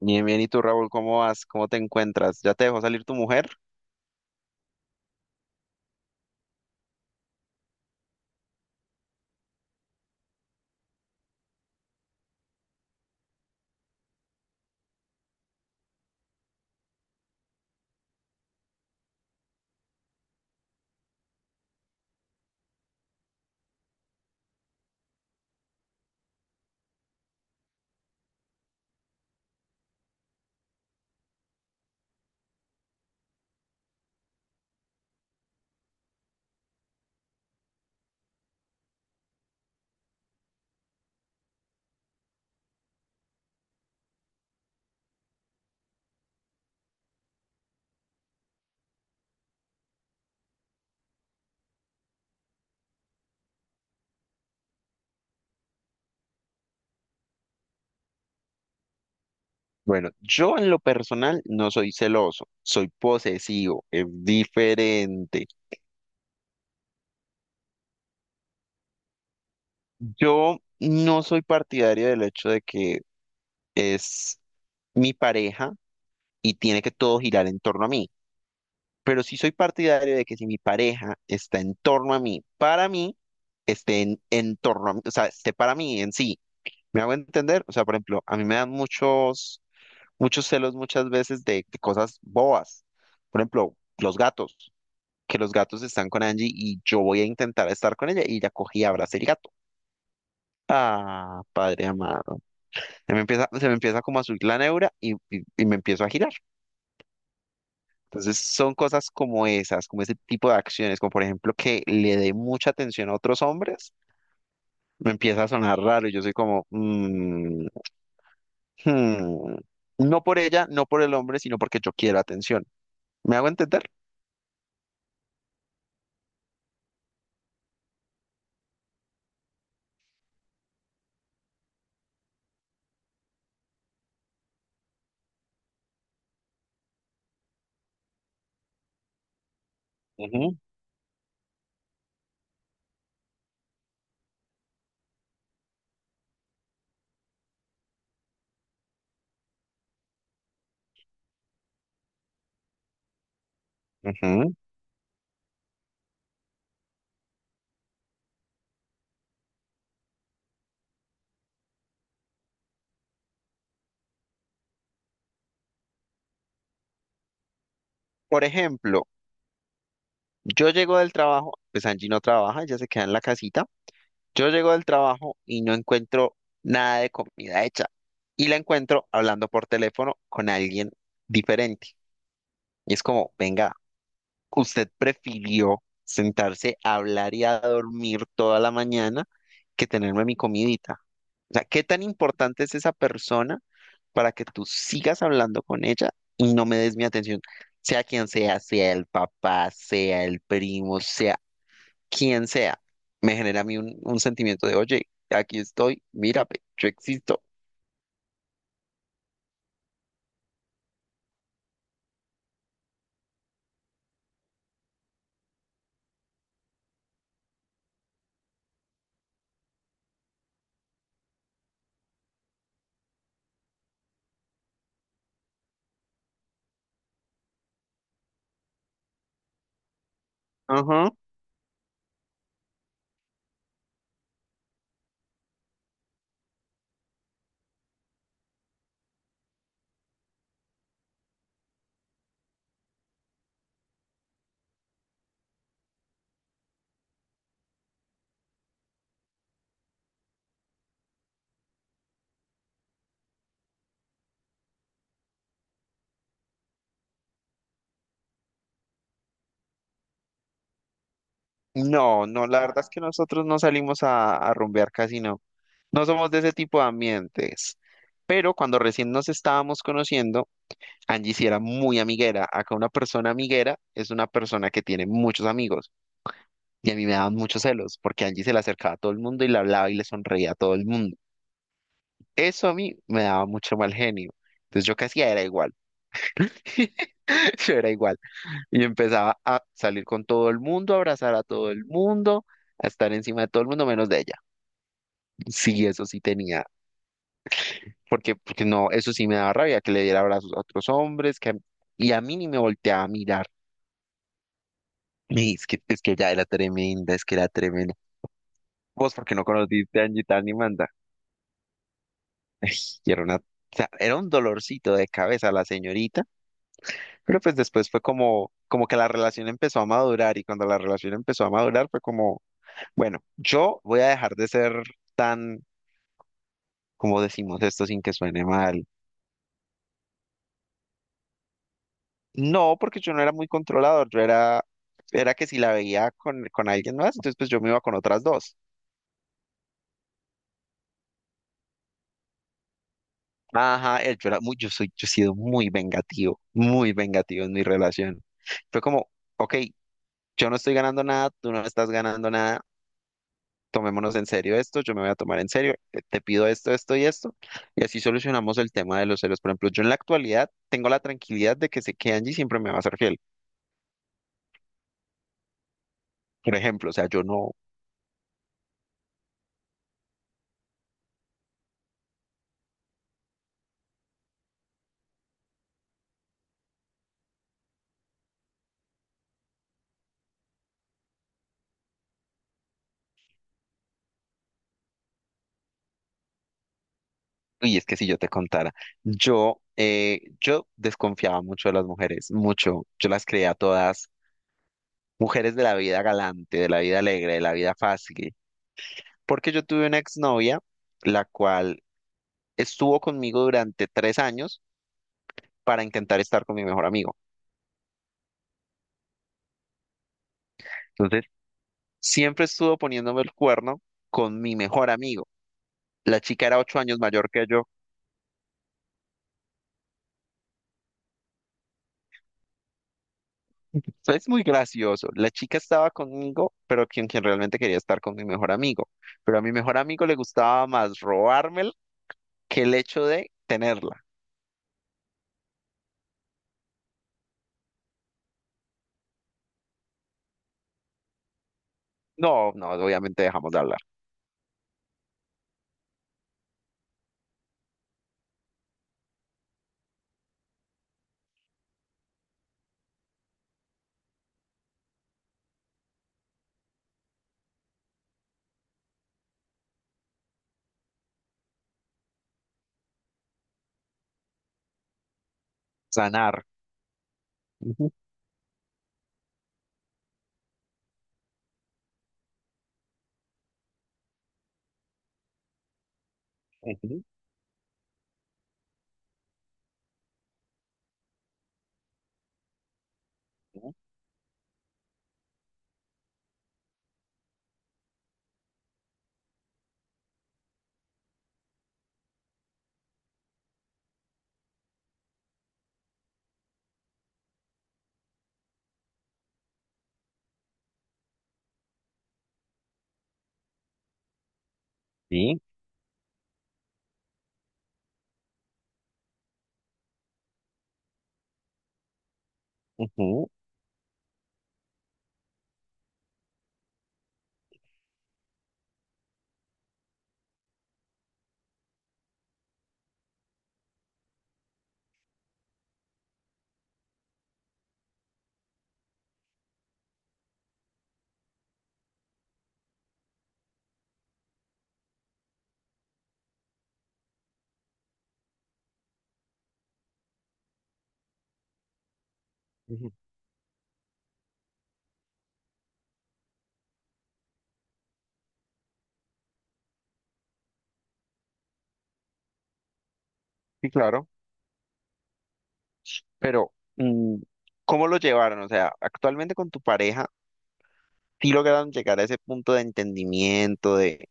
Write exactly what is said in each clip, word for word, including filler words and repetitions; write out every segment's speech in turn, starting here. Bien, bien, ¿y tú, Raúl, cómo vas? ¿Cómo te encuentras? ¿Ya te dejó salir tu mujer? Bueno, yo en lo personal no soy celoso, soy posesivo, es diferente. Yo no soy partidario del hecho de que es mi pareja y tiene que todo girar en torno a mí, pero sí soy partidario de que si mi pareja está en torno a mí, para mí, esté en, en torno a mí, o sea, esté para mí en sí. ¿Me hago entender? O sea, por ejemplo, a mí me dan muchos muchos celos muchas veces de, de cosas bobas. Por ejemplo, los gatos, que los gatos están con Angie y yo voy a intentar estar con ella y ella cogí y abraza el gato. Ah, padre amado. Se me empieza, se me empieza como a subir la neura y, y- y me empiezo a girar. Entonces son cosas como esas, como ese tipo de acciones, como por ejemplo que le dé mucha atención a otros hombres, me empieza a sonar raro y yo soy como, "Mm, hmm". No por ella, no por el hombre, sino porque yo quiero atención. ¿Me hago entender? Ujú, ujú. Por ejemplo, yo llego del trabajo, pues Angie no trabaja, ella se queda en la casita. Yo llego del trabajo y no encuentro nada de comida hecha. Y la encuentro hablando por teléfono con alguien diferente. Y es como, venga, usted prefirió sentarse a hablar y a dormir toda la mañana que tenerme mi comidita. O sea, ¿qué tan importante es esa persona para que tú sigas hablando con ella y no me des mi atención? Sea quien sea, sea el papá, sea el primo, sea quien sea, me genera a mí un, un, sentimiento de, oye, aquí estoy, mírame, yo existo. Ajá. No, no, la verdad es que nosotros no salimos a, a rumbear casi no. No somos de ese tipo de ambientes. Pero cuando recién nos estábamos conociendo, Angie sí era muy amiguera. Acá una persona amiguera es una persona que tiene muchos amigos. Y a mí me daban muchos celos porque Angie se le acercaba a todo el mundo y le hablaba y le sonreía a todo el mundo. Eso a mí me daba mucho mal genio. Entonces yo casi era igual. Yo era igual. Y empezaba a salir con todo el mundo, a abrazar a todo el mundo, a estar encima de todo el mundo menos de ella. Sí, eso sí tenía. Porque, porque no, eso sí me daba rabia, que le diera abrazos a otros hombres, que, y a mí ni me volteaba a mirar. Y es que, es que ya era tremenda, es que era tremenda. Vos, porque no conociste a Angie Tan ni Manda. Ay, y era una, o sea, era un dolorcito de cabeza la señorita, pero pues después fue como, como, que la relación empezó a madurar, y cuando la relación empezó a madurar fue como, bueno, yo voy a dejar de ser tan, como decimos esto sin que suene mal? No, porque yo no era muy controlador, yo era, era que si la veía con, con alguien más, entonces pues yo me iba con otras dos. Ajá, eh, yo era muy, yo soy, yo he sido muy vengativo, muy vengativo en mi relación. Fue como, ok, yo no estoy ganando nada, tú no estás ganando nada, tomémonos en serio esto, yo me voy a tomar en serio, eh, te pido esto, esto y esto, y así solucionamos el tema de los celos. Por ejemplo, yo en la actualidad tengo la tranquilidad de que sé que Angie siempre me va a ser fiel, por ejemplo, o sea, yo no. Uy, es que si yo te contara, yo, eh, yo desconfiaba mucho de las mujeres, mucho. Yo las creía todas mujeres de la vida galante, de la vida alegre, de la vida fácil, porque yo tuve una exnovia, la cual estuvo conmigo durante tres años para intentar estar con mi mejor amigo. Entonces, siempre estuvo poniéndome el cuerno con mi mejor amigo. La chica era ocho años mayor que yo. Es muy gracioso. La chica estaba conmigo, pero quien, quien, realmente quería estar con mi mejor amigo. Pero a mi mejor amigo le gustaba más robármela que el hecho de tenerla. No, no, obviamente dejamos de hablar. Sanar. Ujú, ujú, ujú, sí, ujú, ujú. Sí, claro. Pero, mm, ¿cómo lo llevaron? O sea, actualmente con tu pareja, ¿sí lograron llegar a ese punto de entendimiento de,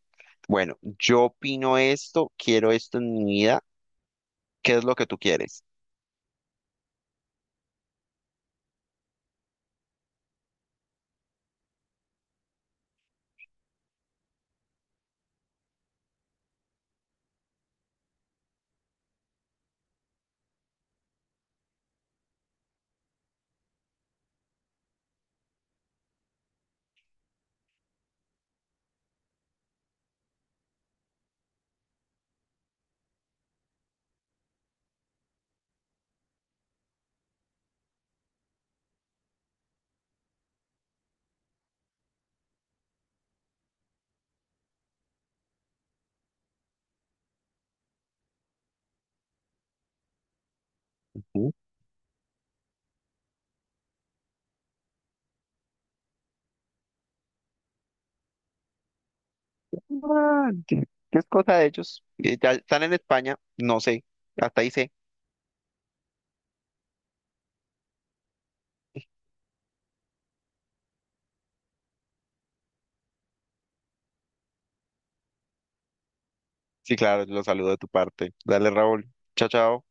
bueno, yo opino esto, quiero esto en mi vida, ¿qué es lo que tú quieres? Ah, que- que es cosa de ellos. Eh, ya están en España, no sé, hasta ahí sé. Sí, claro, los saludo de tu parte. Dale, Raúl. Chao, chao.